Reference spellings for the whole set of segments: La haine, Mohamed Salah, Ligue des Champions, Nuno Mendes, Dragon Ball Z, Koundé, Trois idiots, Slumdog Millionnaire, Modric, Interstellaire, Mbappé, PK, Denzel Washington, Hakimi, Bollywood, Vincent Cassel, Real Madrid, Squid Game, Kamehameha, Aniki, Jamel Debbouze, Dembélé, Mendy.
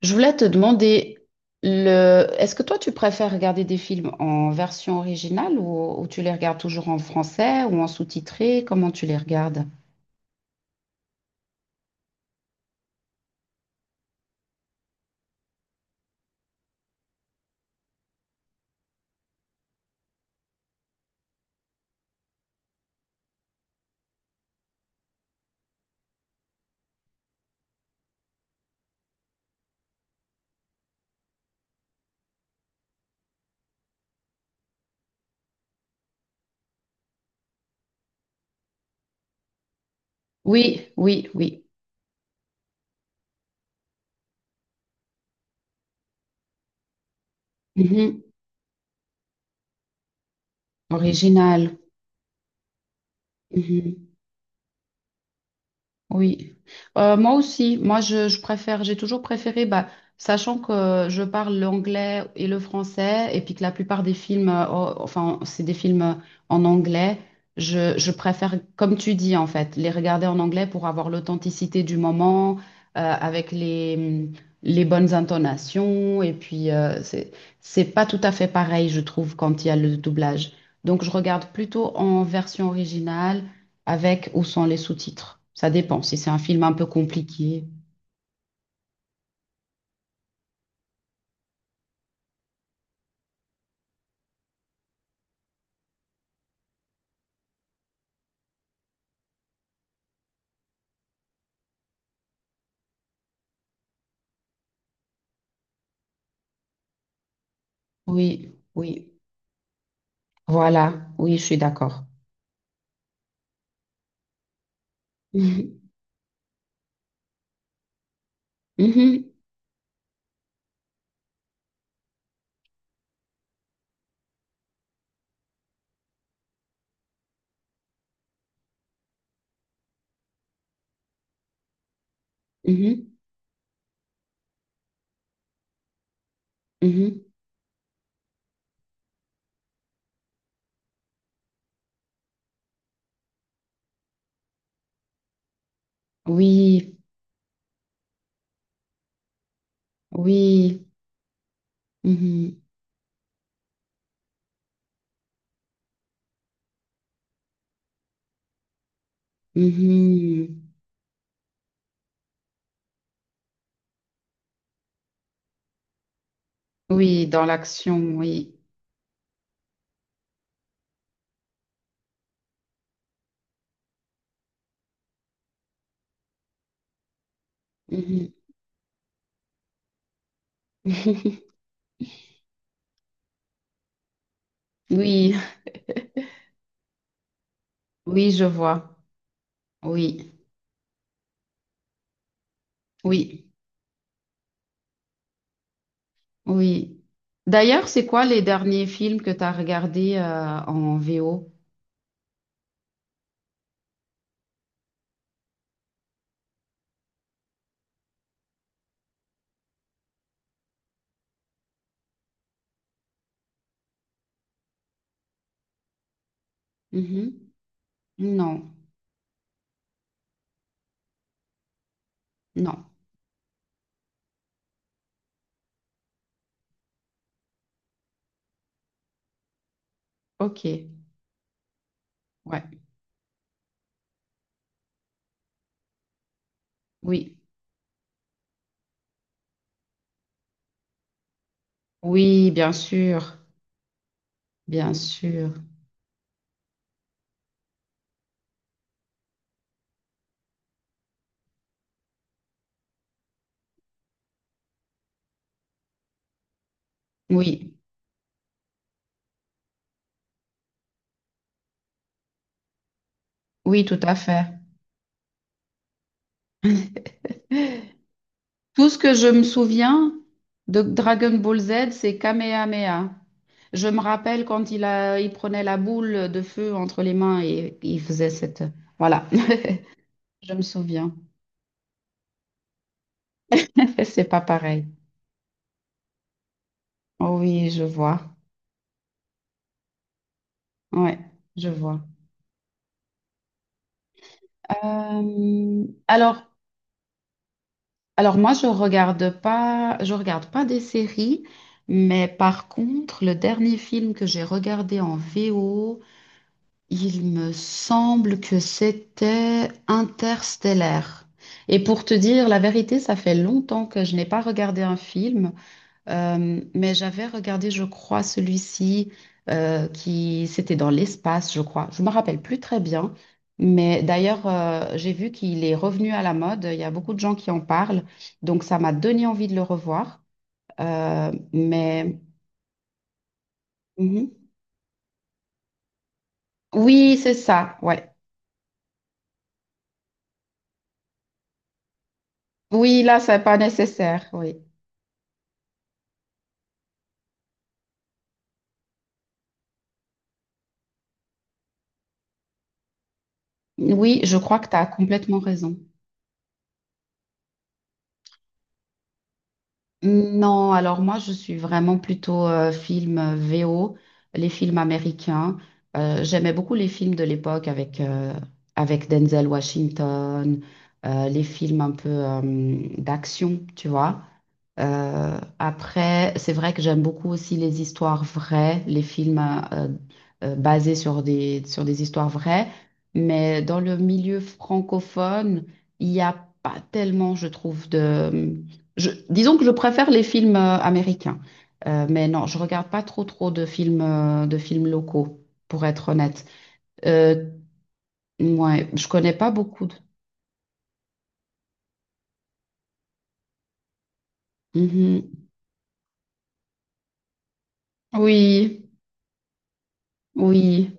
Je voulais te demander, est-ce que toi tu préfères regarder des films en version originale ou tu les regardes toujours en français ou en sous-titré? Comment tu les regardes? Oui, oui, oui. Mhm. Original. Mhm. Oui, moi aussi, moi je préfère, j'ai toujours préféré, bah, sachant que je parle l'anglais et le français, et puis que la plupart des films, oh, enfin c'est des films en anglais, je préfère, comme tu dis en fait, les regarder en anglais pour avoir l'authenticité du moment, avec les bonnes intonations, et puis c'est pas tout à fait pareil, je trouve, quand il y a le doublage. Donc je regarde plutôt en version originale avec ou sans les sous-titres. Ça dépend, si c'est un film un peu compliqué. Oui, oui. Voilà, oui, je suis d'accord. Mhm, mhm, mhm, mhm. Oui, oui. Mhm, mhm. Oui, dans l'action, oui. Mhm. Oui, oui, je vois. Oui, oui, oui. D'ailleurs, c'est quoi les derniers films que tu as regardés en VO? Mhm. Non, non. Ok. Ouais, oui. Oui, bien sûr, bien sûr. Oui, oui, tout à fait. Tout ce que je me souviens de Dragon Ball Z, c'est Kamehameha. Je me rappelle quand il prenait la boule de feu entre les mains et il faisait cette... Voilà, je me souviens. C'est pas pareil. Oh oui, je vois. Ouais, je vois. Euh, alors, Alors moi, je regarde pas des séries, mais par contre, le dernier film que j'ai regardé en VO, il me semble que c'était Interstellaire. Et pour te dire la vérité, ça fait longtemps que je n'ai pas regardé un film. Mais j'avais regardé, je crois, celui-ci qui c'était dans l'espace, je crois. Je me rappelle plus très bien, mais d'ailleurs j'ai vu qu'il est revenu à la mode. Il y a beaucoup de gens qui en parlent, donc ça m'a donné envie de le revoir. Euh, mais Mhm. Oui, c'est ça. Ouais. Oui, là, c'est pas nécessaire. Oui, oui, je crois que tu as complètement raison. Non, alors moi je suis vraiment plutôt film VO, les films américains. J'aimais beaucoup les films de l'époque avec Denzel Washington, les films un peu d'action, tu vois. Après, c'est vrai que j'aime beaucoup aussi les histoires vraies, les films euh, basés sur des histoires vraies, mais dans le milieu francophone, il n'y a pas tellement, je trouve, disons que je préfère les films américains. Mais non, je regarde pas trop trop de films locaux, pour être honnête. Euh, ouais, je connais pas beaucoup de. Mhm. Oui, oui.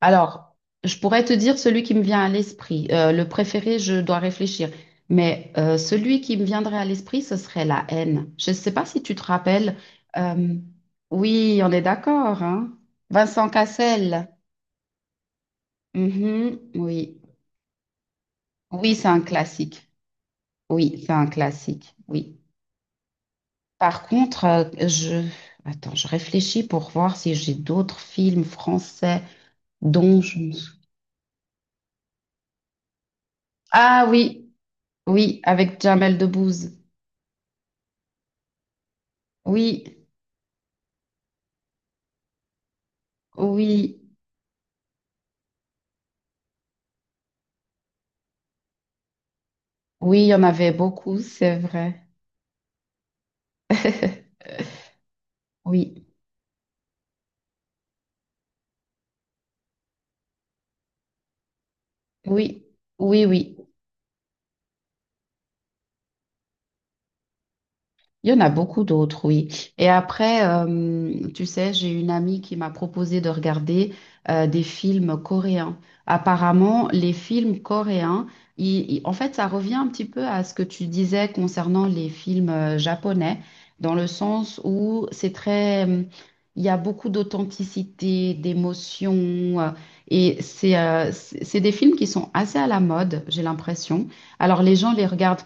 Alors, je pourrais te dire celui qui me vient à l'esprit. Le préféré, je dois réfléchir. Mais celui qui me viendrait à l'esprit, ce serait La haine. Je ne sais pas si tu te rappelles. Euh, oui, on est d'accord, hein? Vincent Cassel. Mhm, oui. Oui, c'est un classique. Oui, c'est un classique. Oui. Par contre. Attends, je réfléchis pour voir si j'ai d'autres films français dont je... me sou- Ah oui, oui, avec Jamel Debbouze. Oui, oui, oui, il y en avait beaucoup, c'est vrai. Oui, oui, oui, oui. Il y en a beaucoup d'autres, oui. Et après, tu sais, j'ai une amie qui m'a proposé de regarder des films coréens. Apparemment, les films coréens, en fait, ça revient un petit peu à ce que tu disais concernant les films japonais, dans le sens où c'est il y a beaucoup d'authenticité, d'émotion, euh, et c'est des films qui sont assez à la mode, j'ai l'impression. Alors, les gens les regardent.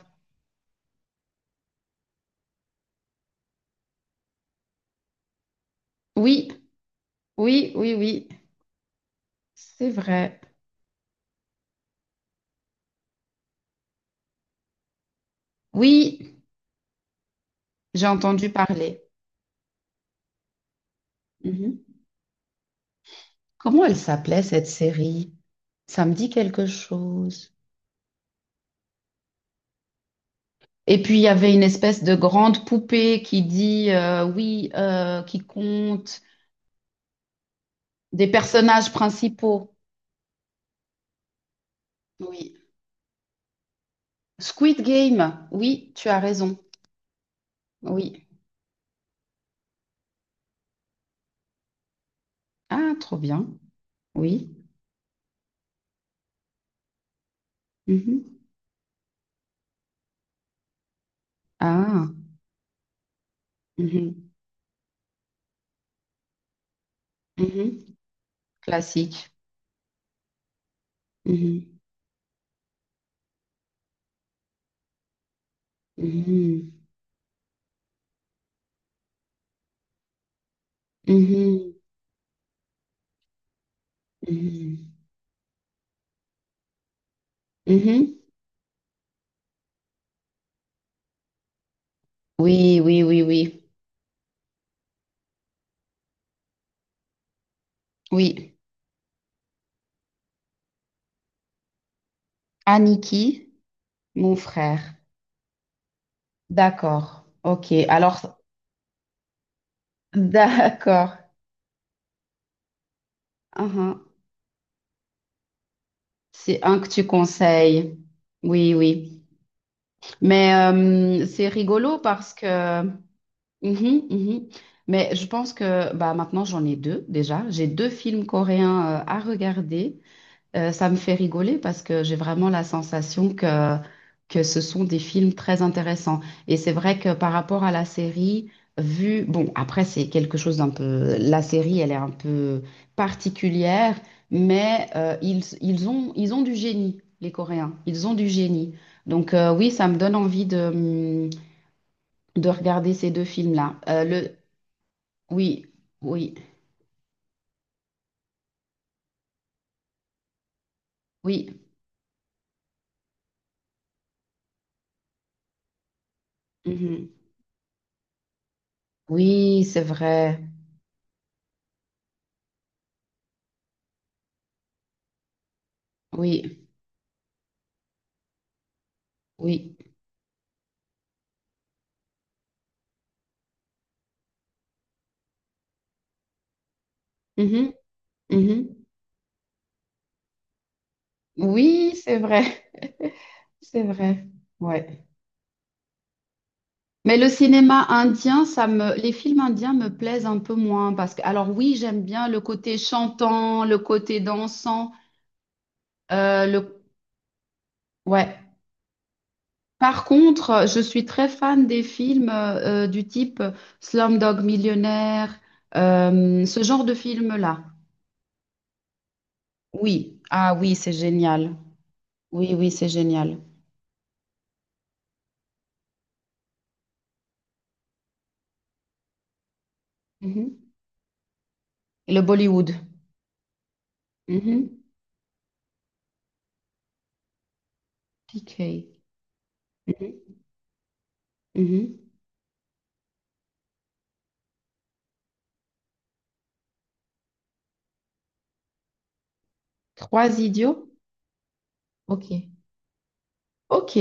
Oui, oui, oui, oui. C'est vrai. Oui, j'ai entendu parler. Mhm. Comment elle s'appelait cette série? Ça me dit quelque chose. Et puis il y avait une espèce de grande poupée qui dit oui, qui compte des personnages principaux. Oui. Squid Game. Oui, tu as raison. Oui. Ah, trop bien. Oui. Mhm. Ah. Mhm. Mhm. Classique. Mhm. Mhm. Mhm. Mhm. Mhm. Oui, oui, oui, oui. Oui, Aniki, mon frère. D'accord. Ok. Alors, d'accord. Uhum. C'est un que tu conseilles. Oui, oui. Mais c'est rigolo parce que. Mhm, mhm. Mais je pense que bah, maintenant, j'en ai deux déjà. J'ai deux films coréens à regarder. Ça me fait rigoler parce que j'ai vraiment la sensation que ce sont des films très intéressants. Et c'est vrai que par rapport à la série, vu, bon, après, c'est quelque chose d'un peu, la série, elle est un peu particulière, mais ils ont du génie, les Coréens. Ils ont du génie. Donc oui, ça me donne envie de regarder ces deux films-là. Oui, oui, oui. Mhm. Oui, c'est vrai. Oui, oui. Mhm, mhm. Oui, c'est vrai. C'est vrai. Ouais. Mais le cinéma indien, les films indiens me plaisent un peu moins parce que, alors oui, j'aime bien le côté chantant, le côté dansant, euh, le, ouais. Par contre, je suis très fan des films du type Slumdog Millionnaire, ce genre de film-là. Oui. Ah oui, c'est génial. Oui, oui, c'est génial. Mhm. Et le Bollywood. Mhm. PK. Mhm. Mhm. Trois idiots? Ok. Ok.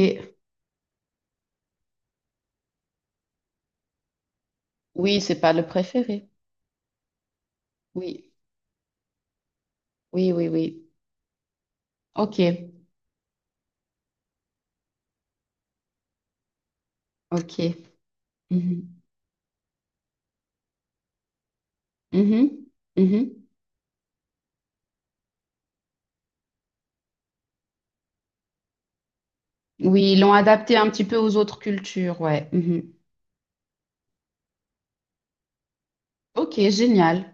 Oui, c'est pas le préféré. Oui. Oui, oui, oui. Ok. Ok. Mhm. Mhm. Mhm. Oui, ils l'ont adapté un petit peu aux autres cultures, ouais. Mhm. Ok, génial.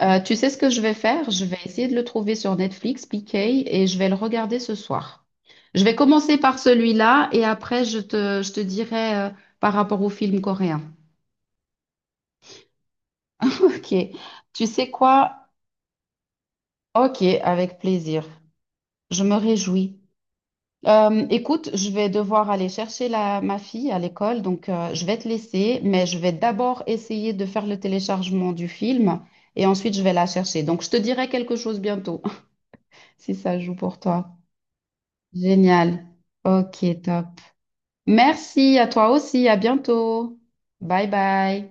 Tu sais ce que je vais faire? Je vais essayer de le trouver sur Netflix, PK, et je vais le regarder ce soir. Je vais commencer par celui-là et après je te dirai par rapport au film coréen. Ok. Tu sais quoi? Ok, avec plaisir. Je me réjouis. Écoute, je vais devoir aller chercher ma fille à l'école, donc je vais te laisser, mais je vais d'abord essayer de faire le téléchargement du film et ensuite je vais la chercher. Donc je te dirai quelque chose bientôt, si ça joue pour toi. Génial. Ok, top. Merci à toi aussi, à bientôt. Bye bye.